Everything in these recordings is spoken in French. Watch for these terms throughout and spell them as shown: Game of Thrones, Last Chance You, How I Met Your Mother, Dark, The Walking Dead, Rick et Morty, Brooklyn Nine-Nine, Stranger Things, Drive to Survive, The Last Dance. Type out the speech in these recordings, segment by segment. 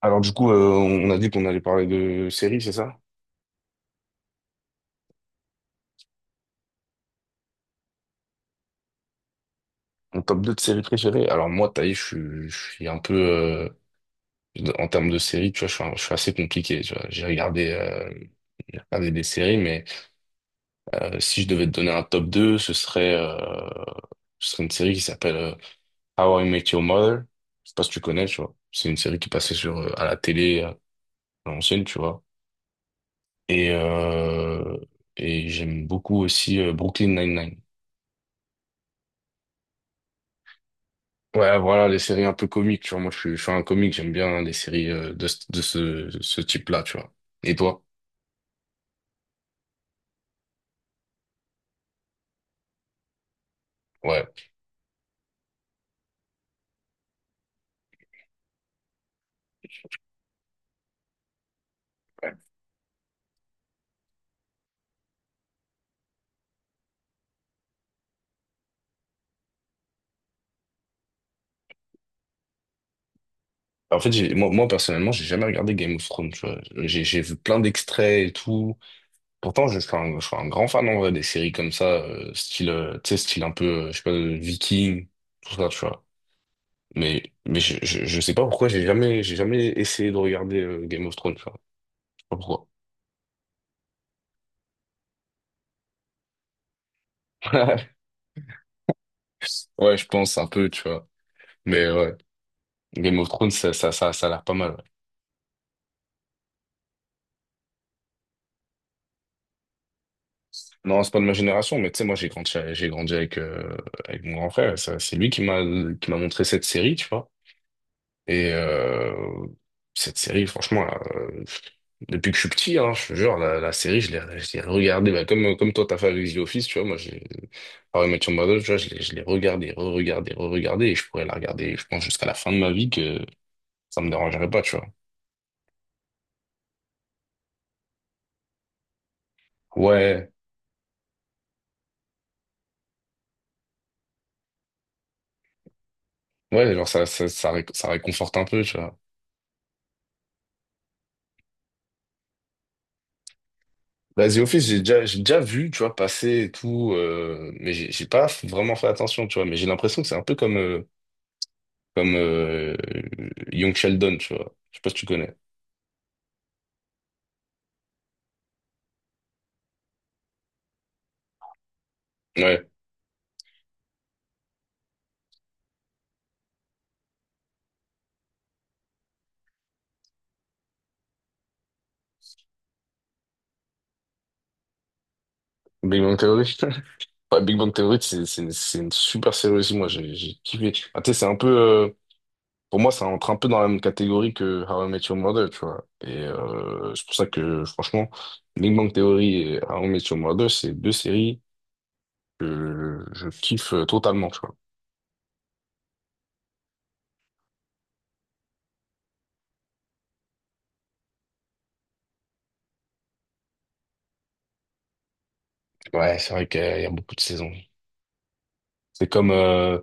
Alors du coup, on a dit qu'on allait parler de séries, c'est ça? Mon top 2 de séries préférées. Alors moi, Taï, je suis un peu... en termes de séries, tu vois, je suis assez compliqué. Tu vois. J'ai regardé des séries, mais si je devais te donner un top 2, ce serait une série qui s'appelle How I Met Your Mother. Je sais pas si tu connais, tu vois. C'est une série qui passait sur, à la télé, à l'ancienne, tu vois. Et, j'aime beaucoup aussi Brooklyn Nine-Nine. Ouais, voilà, les séries un peu comiques, tu vois. Moi, je suis un comique, j'aime bien les séries de ce type-là, tu vois. Et toi? Ouais. Ouais. En fait, moi, personnellement, j'ai jamais regardé Game of Thrones, tu vois. J'ai vu plein d'extraits et tout. Pourtant, je suis un grand fan, en vrai, des séries comme ça, style, tu sais, style un peu, je sais pas, Viking, tout ça, tu vois. Mais je sais pas pourquoi j'ai jamais essayé de regarder Game of Thrones, tu vois. Je sais pas pourquoi. Ouais, je pense un peu, tu vois. Mais ouais. Game of Thrones, ça a l'air pas mal. Ouais. Non, c'est pas de ma génération, mais tu sais, moi, j'ai grandi avec, avec mon grand frère. C'est lui qui m'a montré cette série, tu vois. Et euh, cette série, franchement, là, depuis que je suis petit, hein, je te jure, la série, je l'ai regardée. Bah, comme toi, t'as fait avec The Office, tu vois. How I Met Your Mother, tu vois, je l'ai regardée, re-regardée, re-regardée. Et je pourrais la regarder, je pense, jusqu'à la fin de ma vie que ça me dérangerait pas, tu vois. Ouais, ouais, genre, ça réconforte un peu, tu vois. Bah, The Office, j'ai déjà vu, tu vois, passer et tout, mais j'ai pas f- vraiment fait attention, tu vois, mais j'ai l'impression que c'est un peu comme Young Sheldon, tu vois. Je sais pas si tu connais. Ouais. Big Bang Theory. Ouais, Big Bang Theory, c'est une super série aussi, moi, j'ai kiffé. Ah, tu sais, c'est un peu, pour moi, ça entre un peu dans la même catégorie que How I Met Your Mother, tu vois. Et c'est pour ça que, franchement, Big Bang Theory et How I Met Your Mother, c'est deux séries que je kiffe totalement, tu vois. Ouais, c'est vrai qu'il y a beaucoup de saisons. C'est comme, euh,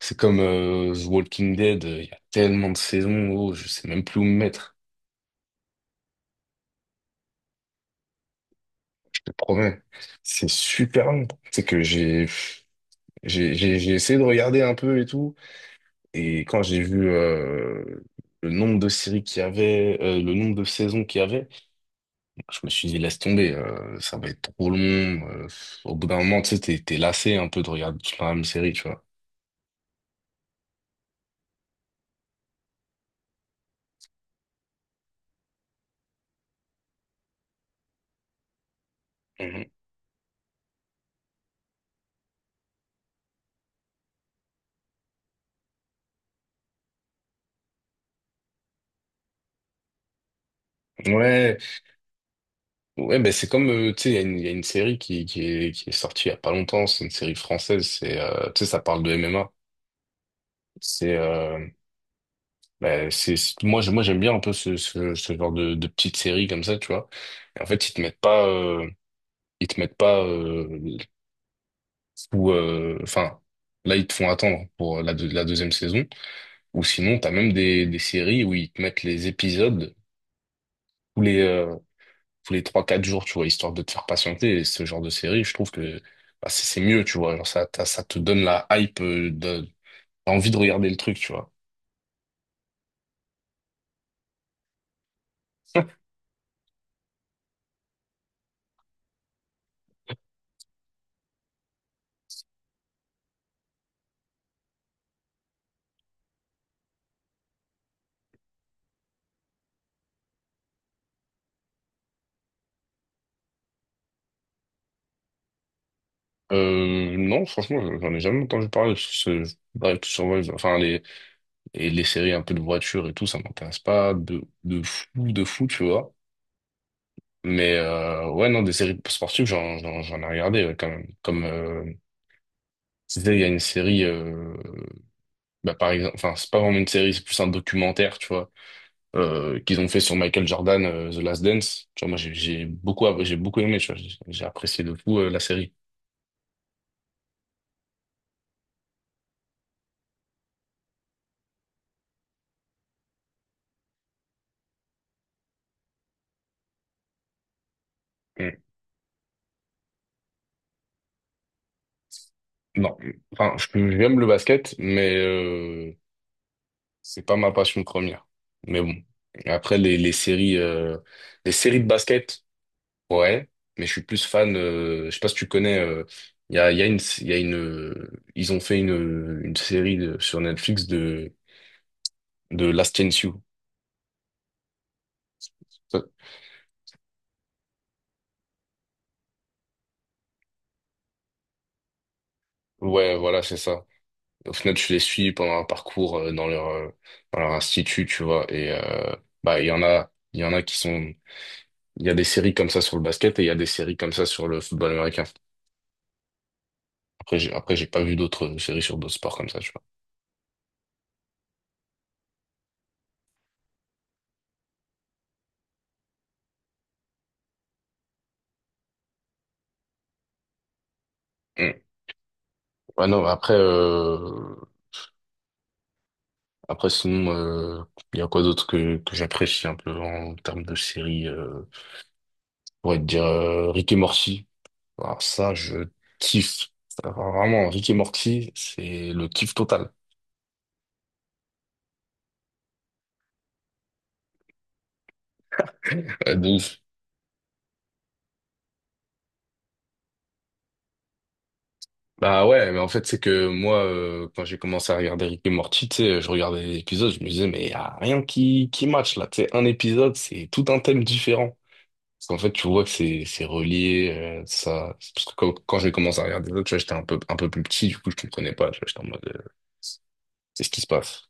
c'est comme The Walking Dead. Il y a tellement de saisons, oh, je sais même plus où me mettre. Je te promets, c'est super long. C'est que j'ai essayé de regarder un peu et tout, et quand j'ai vu le nombre de séries qu'il y avait, le nombre de saisons qu'il y avait, je me suis dit laisse tomber, ça va être trop long. Au bout d'un moment, tu sais, t'es lassé un peu de regarder toujours la même série, tu vois. Mhm. Ouais, ouais, ben c'est comme, tu sais, il y a une série qui est sortie il y a pas longtemps, c'est une série française, c'est, tu sais, ça parle de MMA. C'est, ben, moi j'aime bien un peu ce genre de petite série comme ça, tu vois. Et en fait, ils te mettent pas, ils te mettent pas, ou, enfin, là, ils te font attendre pour la deuxième saison, ou sinon, t'as même des séries où ils te mettent les épisodes, tous les, euh, tous les trois quatre jours, tu vois, histoire de te faire patienter. Et ce genre de série, je trouve que bah, c'est mieux, tu vois. Genre, ça te donne la hype, t'as envie de regarder le truc, tu vois. Non, franchement, j'en ai jamais entendu parler. Drive to Survive, enfin, les séries un peu de voiture et tout, ça m'intéresse pas de fou, de fou, tu vois. Mais ouais, non, des séries sportives, j'en ai regardé ouais, quand même. Comme, tu sais, il y a une série, bah, par exemple, enfin, c'est pas vraiment une série, c'est plus un documentaire, tu vois. Qu'ils ont fait sur Michael Jordan, The Last Dance. Tu vois, moi, j'ai beaucoup aimé, tu vois, j'ai apprécié de fou, la série. Mm. Non, enfin, j'aime le basket, mais c'est pas ma passion première. Mais bon, après, les séries de basket, ouais, mais je suis plus fan, je sais pas si tu connais, il y a une, ils ont fait une série sur Netflix de Last Chance You. Ça- Ouais, voilà, c'est ça. Au final, tu les suis pendant un parcours dans leur institut, tu vois. Et bah, il y en a il y a des séries comme ça sur le basket et il y a des séries comme ça sur le football américain. Après, j'ai pas vu d'autres séries sur d'autres sports comme ça, tu vois. Mm. Ouais, non, mais après, sinon, il y a quoi d'autre que j'apprécie un peu en termes de séries, je pourrais te dire, Rick et Morty. Alors ça, je kiffe. Ça, vraiment, Rick et Morty, c'est le kiff total. Ouais, de ouf. Bah ouais, mais en fait, c'est que moi, quand j'ai commencé à regarder Rick et Morty, tu sais, je regardais les épisodes, je me disais, mais y a rien qui match là. Tu sais, un épisode, c'est tout un thème différent. Parce qu'en fait, tu vois que c'est relié, ça. C'est parce que quand j'ai commencé à regarder les autres, tu vois, un peu plus petit, du coup, je comprenais pas, tu vois, j'étais en mode, c'est ce qui se passe.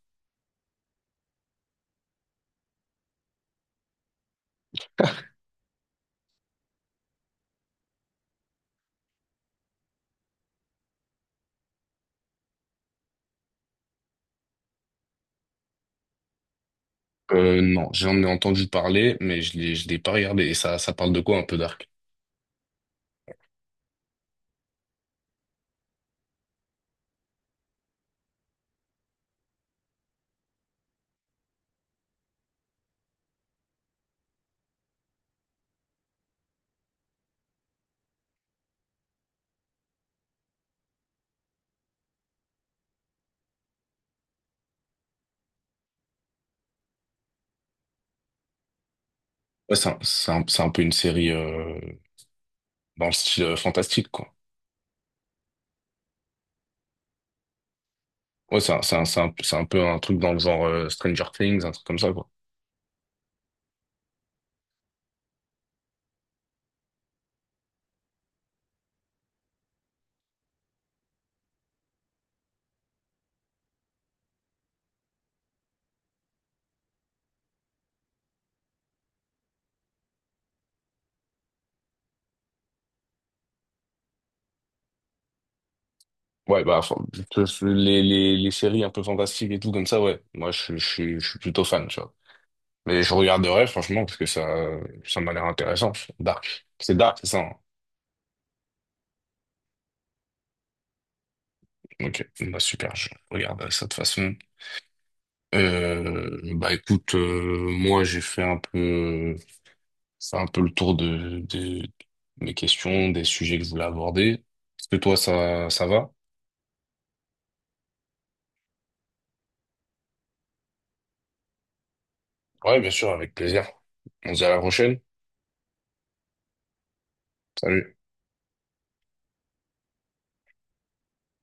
Non, j'en ai entendu parler, mais je l'ai pas regardé. Et ça parle de quoi un peu Dark? Ouais, c'est un peu une série, dans le style fantastique, quoi. Ouais, c'est un peu un truc dans le genre Stranger Things, un truc comme ça, quoi. Ouais, bah, enfin, les séries un peu fantastiques et tout comme ça, ouais. Moi, je suis plutôt fan, tu vois. Mais je regarderai, franchement, parce que ça m'a l'air intéressant. Dark. C'est Dark, c'est ça, hein? Ok, bah, super, je regarde ça de toute façon. Bah, écoute, moi, j'ai fait un peu le tour de mes questions, des sujets que je voulais aborder. Est-ce que toi, ça va? Ouais, bien sûr, avec plaisir. On se dit à la prochaine. Salut.